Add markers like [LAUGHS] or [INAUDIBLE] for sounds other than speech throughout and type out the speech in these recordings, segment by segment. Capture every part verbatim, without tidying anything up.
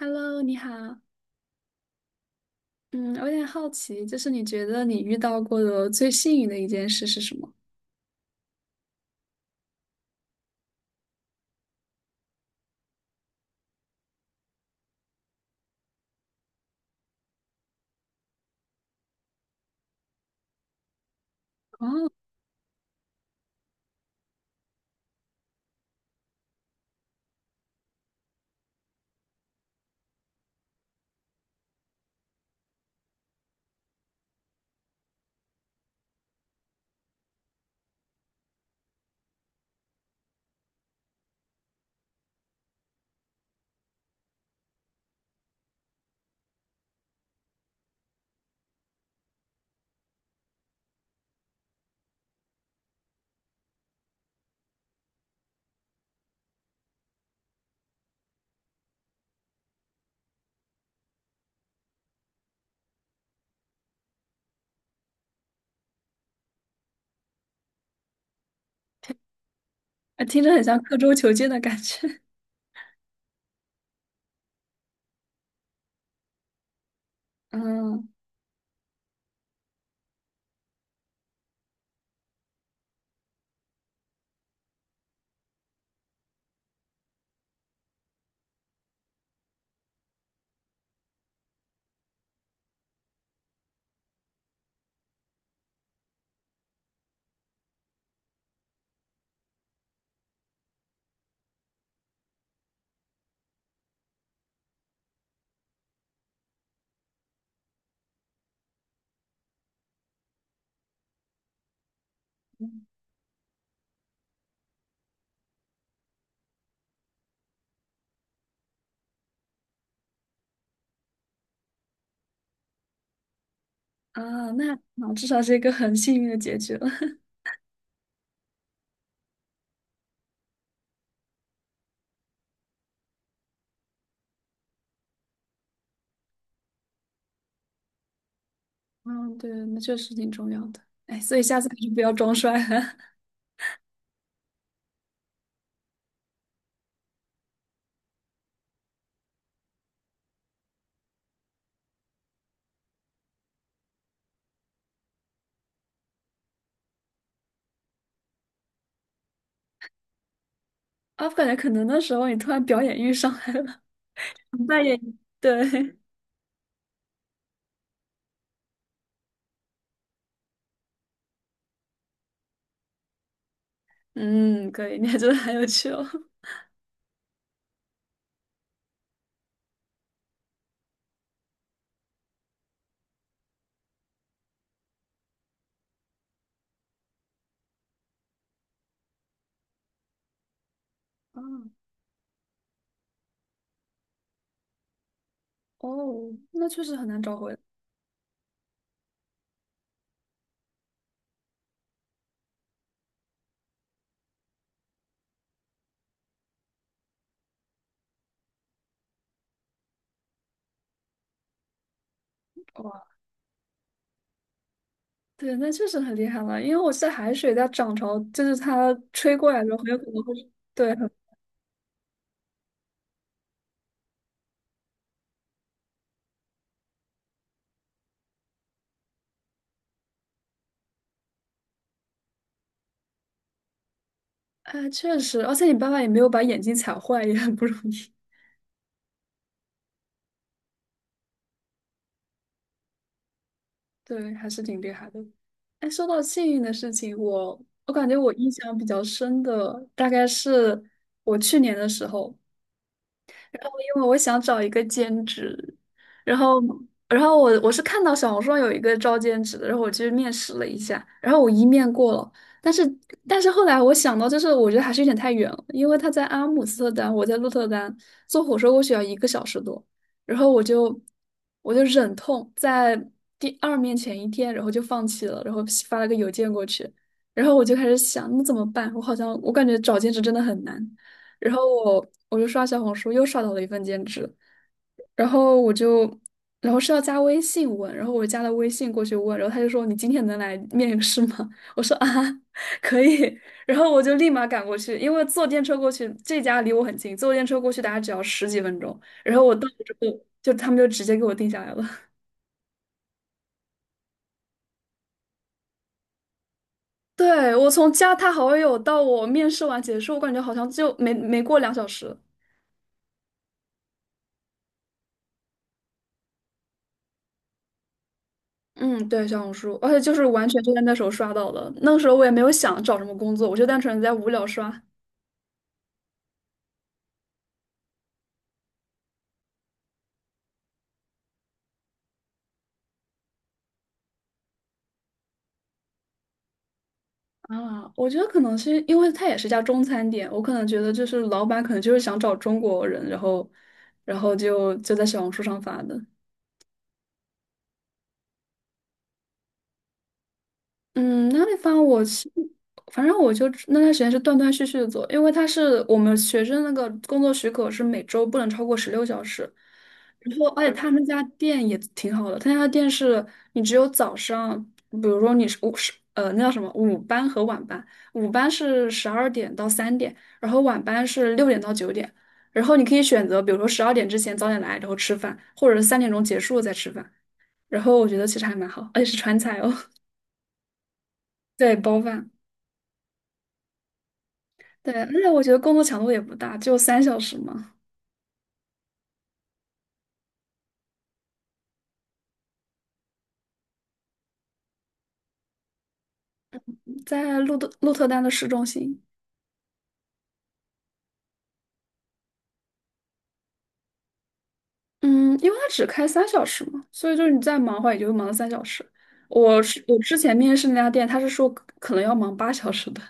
Hello，你好。嗯，我有点好奇，就是你觉得你遇到过的最幸运的一件事是什么？哦，呃听着很像刻舟求剑的感觉。[LAUGHS] 嗯啊，那啊，至少是一个很幸运的结局了。[LAUGHS] 嗯，对，那确实挺重要的。哎，所以下次还是不要装帅了。[LAUGHS] 啊，我感觉可能那时候你突然表演欲上来了，[LAUGHS] 扮演，对，[LAUGHS] 嗯，可以，你还真的很有趣哦。[LAUGHS] 啊，哦，那确实很难找回来。对，那确实很厉害了，因为我记得海水在涨潮，就是它吹过来的时候，很有可能会是对，很 [LAUGHS]，哎确实，而且你爸爸也没有把眼睛踩坏，也很不容易，对，还是挺厉害的。哎，说到幸运的事情，我我感觉我印象比较深的大概是我去年的时候，然后因为我想找一个兼职，然后然后我我是看到小红书上有一个招兼职的，然后我去面试了一下，然后我一面过了，但是但是后来我想到，就是我觉得还是有点太远了，因为他在阿姆斯特丹，我在鹿特丹，坐火车过去要一个小时多，然后我就我就忍痛在第二面前一天，然后就放弃了，然后发了个邮件过去，然后我就开始想，那怎么办？我好像我感觉找兼职真的很难。然后我我就刷小红书，又刷到了一份兼职，然后我就，然后是要加微信问，然后我加了微信过去问，然后他就说你今天能来面试吗？[LAUGHS] 我说啊，可以，然后我就立马赶过去，因为坐电车过去，这家离我很近，坐电车过去大概只要十几分钟，然后我到了之后，就他们就直接给我定下来了。[LAUGHS] 对，我从加他好友到我面试完结束，我感觉好像就没没过两小时。嗯，对，小红书，而且就是完全就在那时候刷到的。那个时候我也没有想找什么工作，我就单纯在无聊刷啊。我觉得可能是因为它也是家中餐店，我可能觉得就是老板可能就是想找中国人，然后，然后就就在小红书上发的。嗯，那地方我是，反正我就那段时间是断断续续的做，因为他是我们学生那个工作许可是每周不能超过十六小时，然后而且他们家店也挺好的，他家店是你只有早上，比如说你是午是呃那叫什么午班和晚班，午班是十二点到三点，然后晚班是六点到九点，然后你可以选择比如说十二点之前早点来，然后吃饭，或者是三点钟结束再吃饭，然后我觉得其实还蛮好，而且是川菜哦，[LAUGHS] 对，包饭。对，而且我觉得工作强度也不大，就有三小时嘛，在鹿特鹿特丹的市中心。嗯，因为它只开三小时嘛，所以就是你再忙的话，也就忙了三小时。我是我之前面试那家店，他是说可可能要忙八小时的。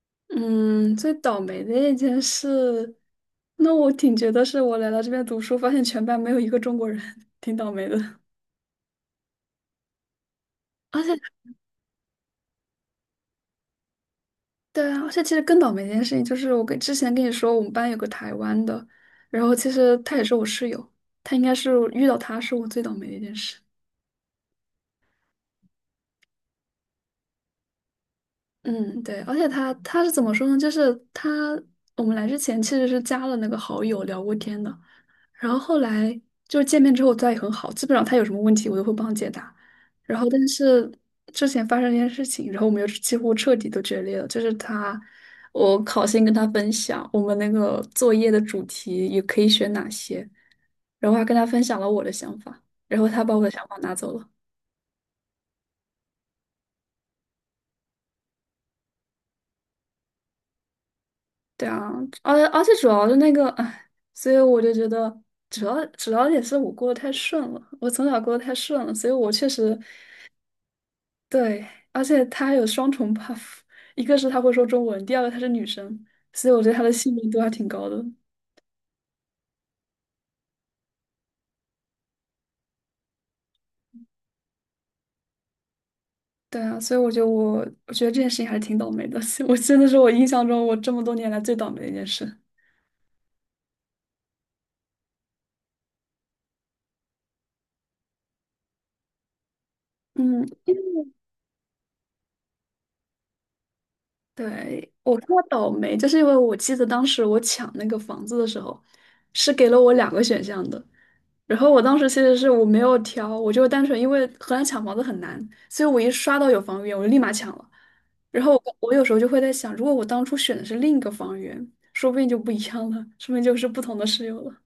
[LAUGHS] 嗯，最倒霉的一件事，那我挺觉得是我来到这边读书，发现全班没有一个中国人，挺倒霉的。[LAUGHS] 而且。对啊，而且其实更倒霉的一件事情就是，我跟之前跟你说，我们班有个台湾的，然后其实他也是我室友，他应该是遇到他是我最倒霉的一件事。嗯，对，而且他他是怎么说呢？就是他我们来之前其实是加了那个好友聊过天的，然后后来就是见面之后，他也很好，基本上他有什么问题我都会帮他解答。然后但是之前发生一件事情，然后我们又是几乎彻底都决裂了，就是他我考先跟他分享我们那个作业的主题也可以选哪些，然后还跟他分享了我的想法，然后他把我的想法拿走了。对啊，而且而且主要是那个，唉，所以我就觉得，主要主要也是我过得太顺了，我从小过得太顺了，所以我确实对，而且他还有双重 buff，[LAUGHS] 一个是他会说中文，第二个他是女生，所以我觉得他的幸运度还挺高的。对啊，所以我觉得我我觉得这件事情还是挺倒霉的，[LAUGHS] 我真的是我印象中我这么多年来最倒霉的一件事。嗯，对，我说倒霉，就是因为我记得当时我抢那个房子的时候，是给了我两个选项的。然后我当时其实是我没有挑，我就单纯因为荷兰抢房子很难，所以我一刷到有房源，我就立马抢了。然后我我有时候就会在想，如果我当初选的是另一个房源，说不定就不一样了，说不定就是不同的室友了。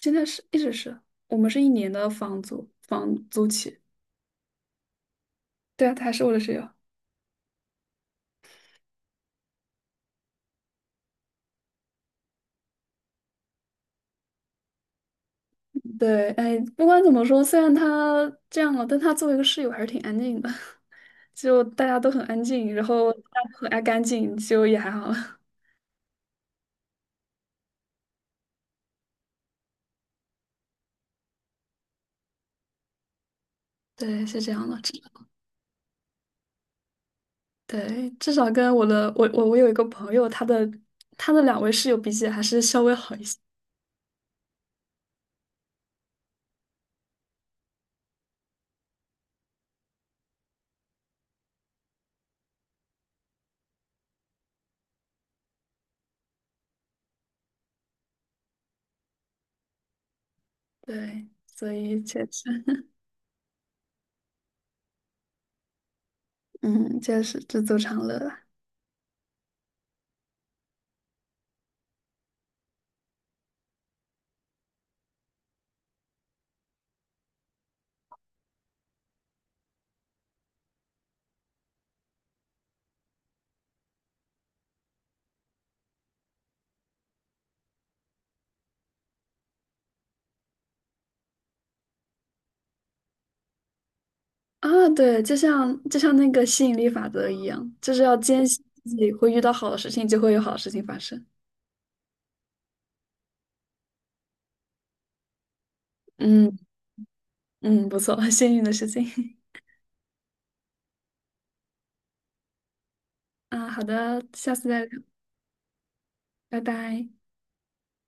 现在是一直是我们是一年的房租房租期，对啊，他还是我的室友。对，哎，不管怎么说，虽然他这样了，但他作为一个室友还是挺安静的，[LAUGHS] 就大家都很安静，然后大家都很爱干净，就也还好了。[LAUGHS] 对，是这样的。对，至少跟我的我我我有一个朋友，他的他的两位室友比起来还是稍微好一些。对，所以确实，嗯，确实知足常乐啊。啊，对，就像就像那个吸引力法则一样，就是要坚信自己会遇到好的事情，就会有好的事情发生。嗯嗯，不错，[LAUGHS] 幸运的事情 [LAUGHS] 啊。好的，下次再聊，拜拜。